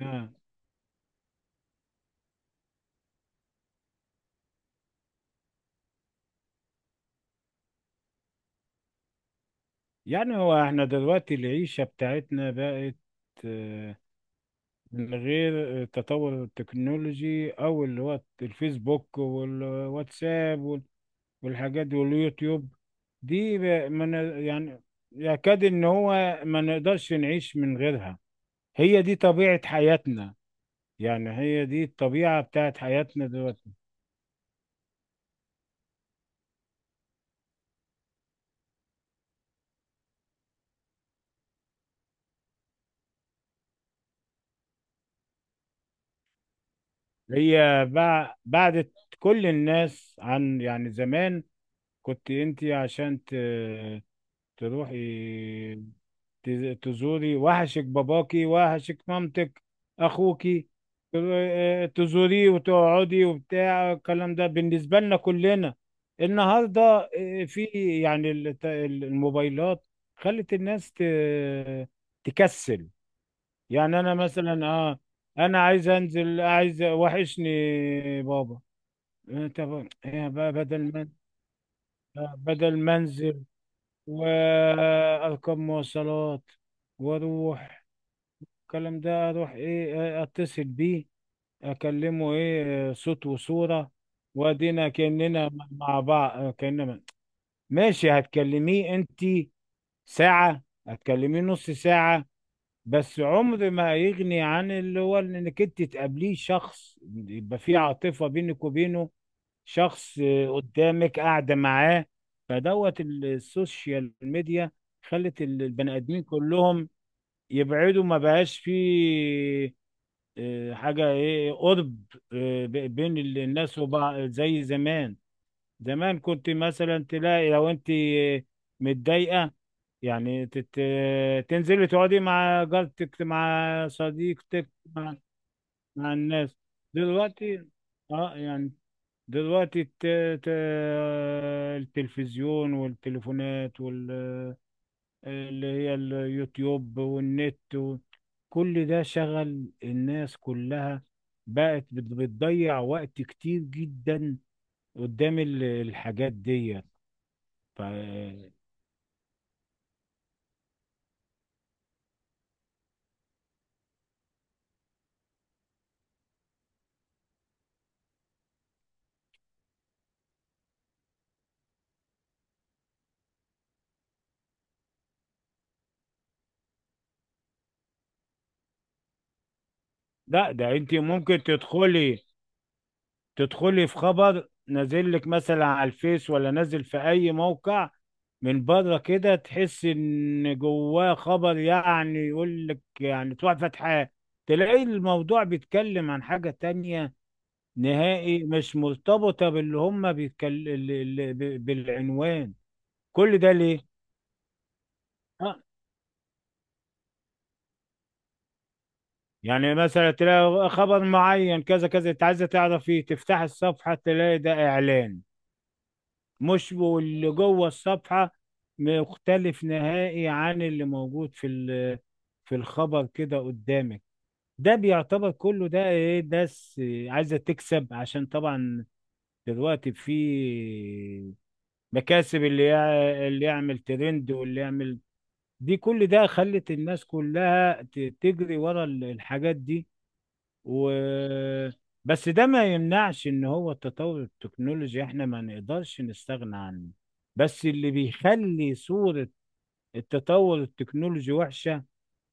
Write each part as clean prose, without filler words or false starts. آه. يعني هو احنا دلوقتي العيشة بتاعتنا بقت آه، من غير تطور التكنولوجي او اللي هو الفيسبوك والواتساب والحاجات دي واليوتيوب دي من يعني يكاد ان هو ما نقدرش نعيش من غيرها. هي دي طبيعة حياتنا. يعني هي دي الطبيعة بتاعت حياتنا دلوقتي. هي بعدت كل الناس عن. يعني زمان كنت انت عشان تروحي تزوري وحشك باباكي وحشك مامتك اخوكي تزوريه وتقعدي وبتاع الكلام ده بالنسبة لنا كلنا النهاردة. آه، في يعني الموبايلات خلت الناس تكسل يعني انا مثلا انا عايز انزل عايز وحشني بابا. آه، طب آه، بدل ما آه، بدل ما انزل واركب مواصلات واروح الكلام ده اروح ايه اتصل بيه اكلمه ايه صوت وصورة. وادينا كأننا مع بعض كأننا ماشي. هتكلميه انت ساعة هتكلميه نص ساعة. بس عمر ما هيغني عن اللي هو انك انت تقابليه شخص يبقى في عاطفة بينك وبينه. شخص قدامك قاعدة معاه. فدوت السوشيال ميديا خلت البني آدمين كلهم يبعدوا. ما بقاش في حاجة ايه قرب بين الناس وبعض زي زمان. زمان كنت مثلا تلاقي لو انت متضايقة. يعني تنزلي تقعدي مع جارتك مع صديقتك مع الناس دلوقتي اه يعني دلوقتي ت... التلفزيون والتليفونات اللي هي اليوتيوب والنت كل ده شغل الناس كلها بقت بتضيع وقت كتير جدا قدام الحاجات دي. ف... لا ده انت ممكن تدخلي في خبر نازل لك مثلا على الفيس ولا نازل في اي موقع. من بره كده تحس ان جواه خبر. يعني يقول لك يعني تروح فتحة تلاقي الموضوع بيتكلم عن حاجة تانية نهائي مش مرتبطة باللي هم بيتكلم بالعنوان. كل ده ليه؟ آه، يعني مثلا تلاقي خبر معين كذا كذا. انت عايزة تعرف ايه تفتح الصفحة تلاقي ده اعلان. مش واللي جوه الصفحة مختلف نهائي عن اللي موجود في في الخبر كده قدامك. ده بيعتبر كله ده ايه. ناس عايزة تكسب عشان طبعا دلوقتي في مكاسب. اللي اللي يعمل ترند واللي يعمل دي كل ده خلت الناس كلها تجري ورا الحاجات دي. و بس ده ما يمنعش ان هو التطور التكنولوجي احنا ما نقدرش نستغنى عنه. بس اللي بيخلي صورة التطور التكنولوجي وحشة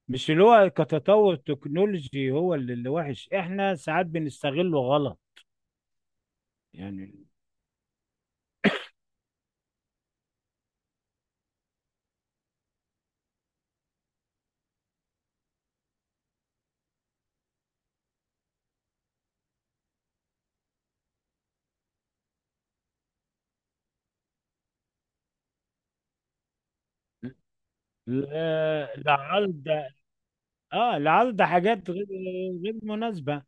مش اللي هو كتطور تكنولوجي. هو اللي وحش. احنا ساعات بنستغله غلط. يعني لعرض اه لعرض حاجات غير مناسبة.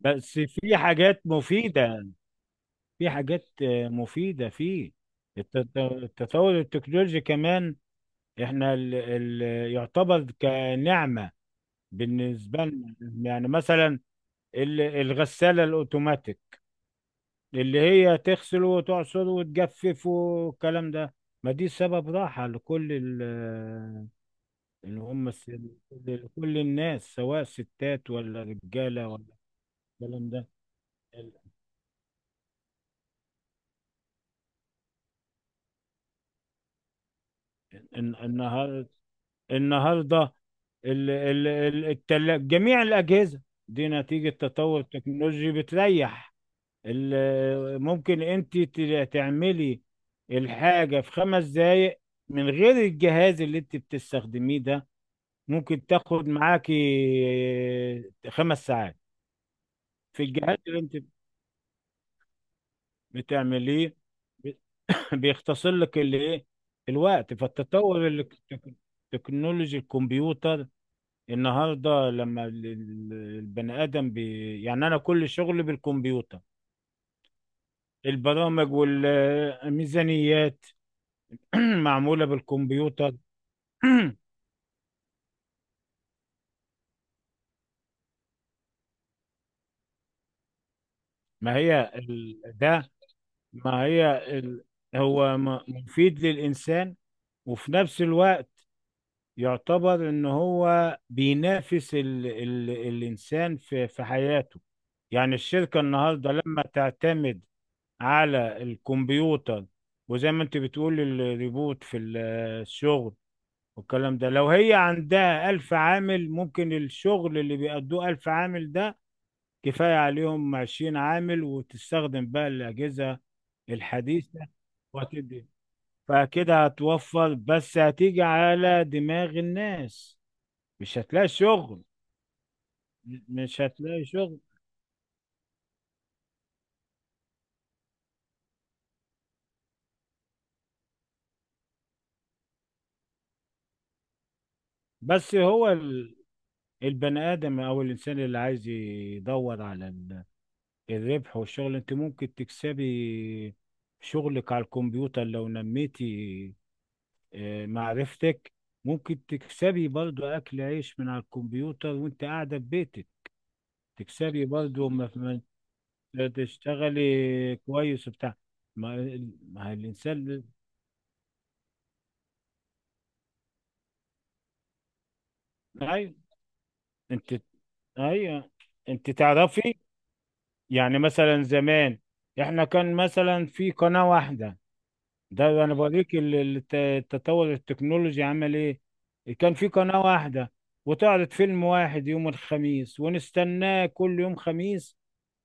بس في حاجات مفيدة. في حاجات مفيدة فيه. التطور التكنولوجي كمان احنا ال ال يعتبر كنعمة بالنسبة لنا. يعني مثلا الغسالة الاوتوماتيك اللي هي تغسل وتعصر وتجفف والكلام ده. ما دي سبب راحة لكل ال- اللي هم الس- لكل الناس سواء ستات ولا رجالة ولا الكلام ده. ال- الن- النهار النهارده جميع الأجهزة دي نتيجة تطور التكنولوجي بتريح. ممكن انت تعملي الحاجة في 5 دقايق. من غير الجهاز اللي انت بتستخدميه ده ممكن تاخد معاكي 5 ساعات في الجهاز اللي انت بتعمليه. بيختصر لك الايه الوقت. فالتطور اللي التك- تكنولوجي الكمبيوتر. النهارده لما البني ادم يعني انا كل شغلي بالكمبيوتر. البرامج والميزانيات معمولة بالكمبيوتر. ما هي ال... ده ما هي ال... هو مفيد للإنسان وفي نفس الوقت يعتبر إن هو بينافس الإنسان في حياته. يعني الشركة النهاردة لما تعتمد على الكمبيوتر. وزي ما أنت بتقول الريبوت في الشغل والكلام ده. لو هي عندها 1000 عامل ممكن الشغل اللي بيأدوه 1000 عامل ده كفاية عليهم 20 عامل. وتستخدم بقى الأجهزة الحديثة وهتدي فكده هتوفر. بس هتيجي على دماغ الناس. مش هتلاقي شغل. مش هتلاقي شغل. بس هو البني آدم أو الإنسان اللي عايز يدور على الربح والشغل. أنت ممكن تكسبي شغلك على الكمبيوتر لو نميتي معرفتك ممكن تكسبي برضو أكل عيش من على الكمبيوتر وأنت قاعدة في بيتك. تكسبي برضه ما تشتغلي كويس وبتاع ما الانسان ايوه انت ايوه انت تعرفي. يعني مثلا زمان احنا كان مثلا في قناة واحدة. ده انا بوريك التطور التكنولوجي عمل ايه. كان في قناة واحدة وتعرض فيلم واحد يوم الخميس ونستناه كل يوم خميس.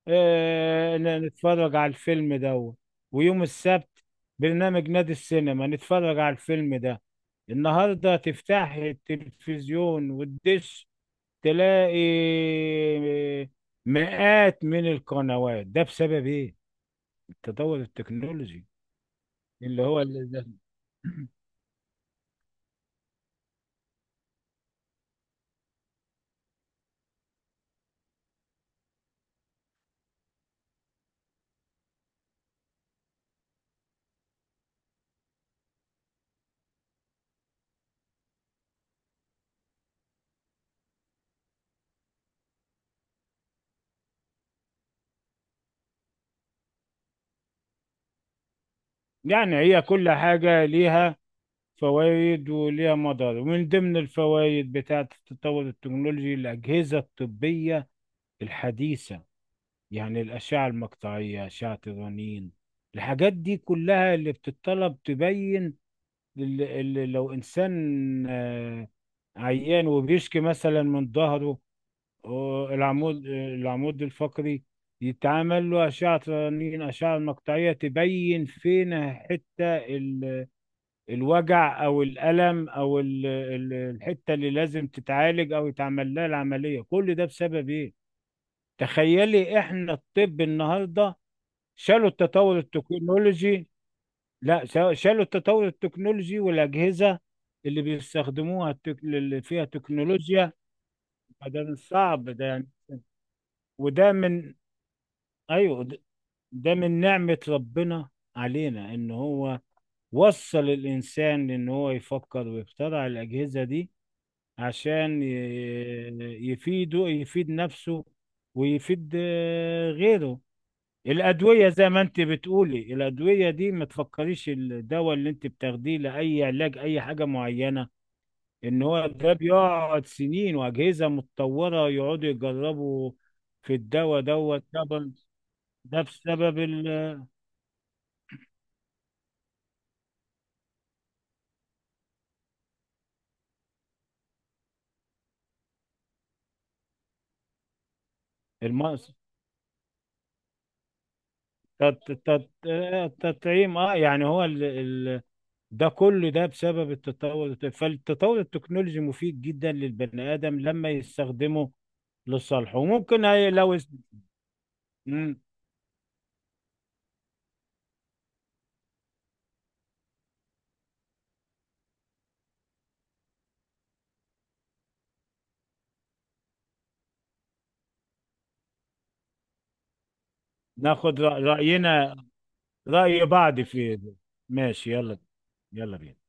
نتفرج على الفيلم ده. ويوم السبت برنامج نادي السينما نتفرج على الفيلم ده. النهارده تفتح التلفزيون والدش تلاقي مئات من القنوات. ده بسبب ايه؟ التطور التكنولوجي. اللي هو اللي ده. يعني هي كل حاجة ليها فوائد وليها مضار. ومن ضمن الفوائد بتاعة التطور التكنولوجي الأجهزة الطبية الحديثة. يعني الأشعة المقطعية أشعة الرنين. الحاجات دي كلها اللي بتطلب تبين لو إنسان آه، عيان وبيشكي مثلا من ظهره. العمود الفقري يتعمل له أشعة رنين أشعة مقطعية تبين فين حتة الوجع أو الألم أو الحتة اللي لازم تتعالج أو يتعمل لها العملية. كل ده بسبب إيه؟ تخيلي احنا الطب النهارده شالوا التطور التكنولوجي. لا شالوا التطور التكنولوجي والأجهزة اللي بيستخدموها اللي فيها تكنولوجيا. فده من صعب ده يعني. وده من أيوه. ده من نعمة ربنا علينا إن هو وصل الإنسان إن هو يفكر ويخترع الأجهزة دي عشان يفيد نفسه ويفيد غيره الأدوية زي ما أنت بتقولي. الأدوية دي ما تفكريش الدواء اللي أنت بتاخديه لأي علاج أي حاجة معينة. إن هو ده بيقعد سنين وأجهزة متطورة يقعدوا يجربوا في الدواء دوت طبعا. ده بسبب المقص التطعيم يعني هو ده كله ده بسبب التطور. فالتطور التكنولوجي مفيد جدا للبني آدم لما يستخدمه لصالحه. وممكن لو مم. ناخذ رأينا رأي بعض في ماشي يلا. يلا بينا.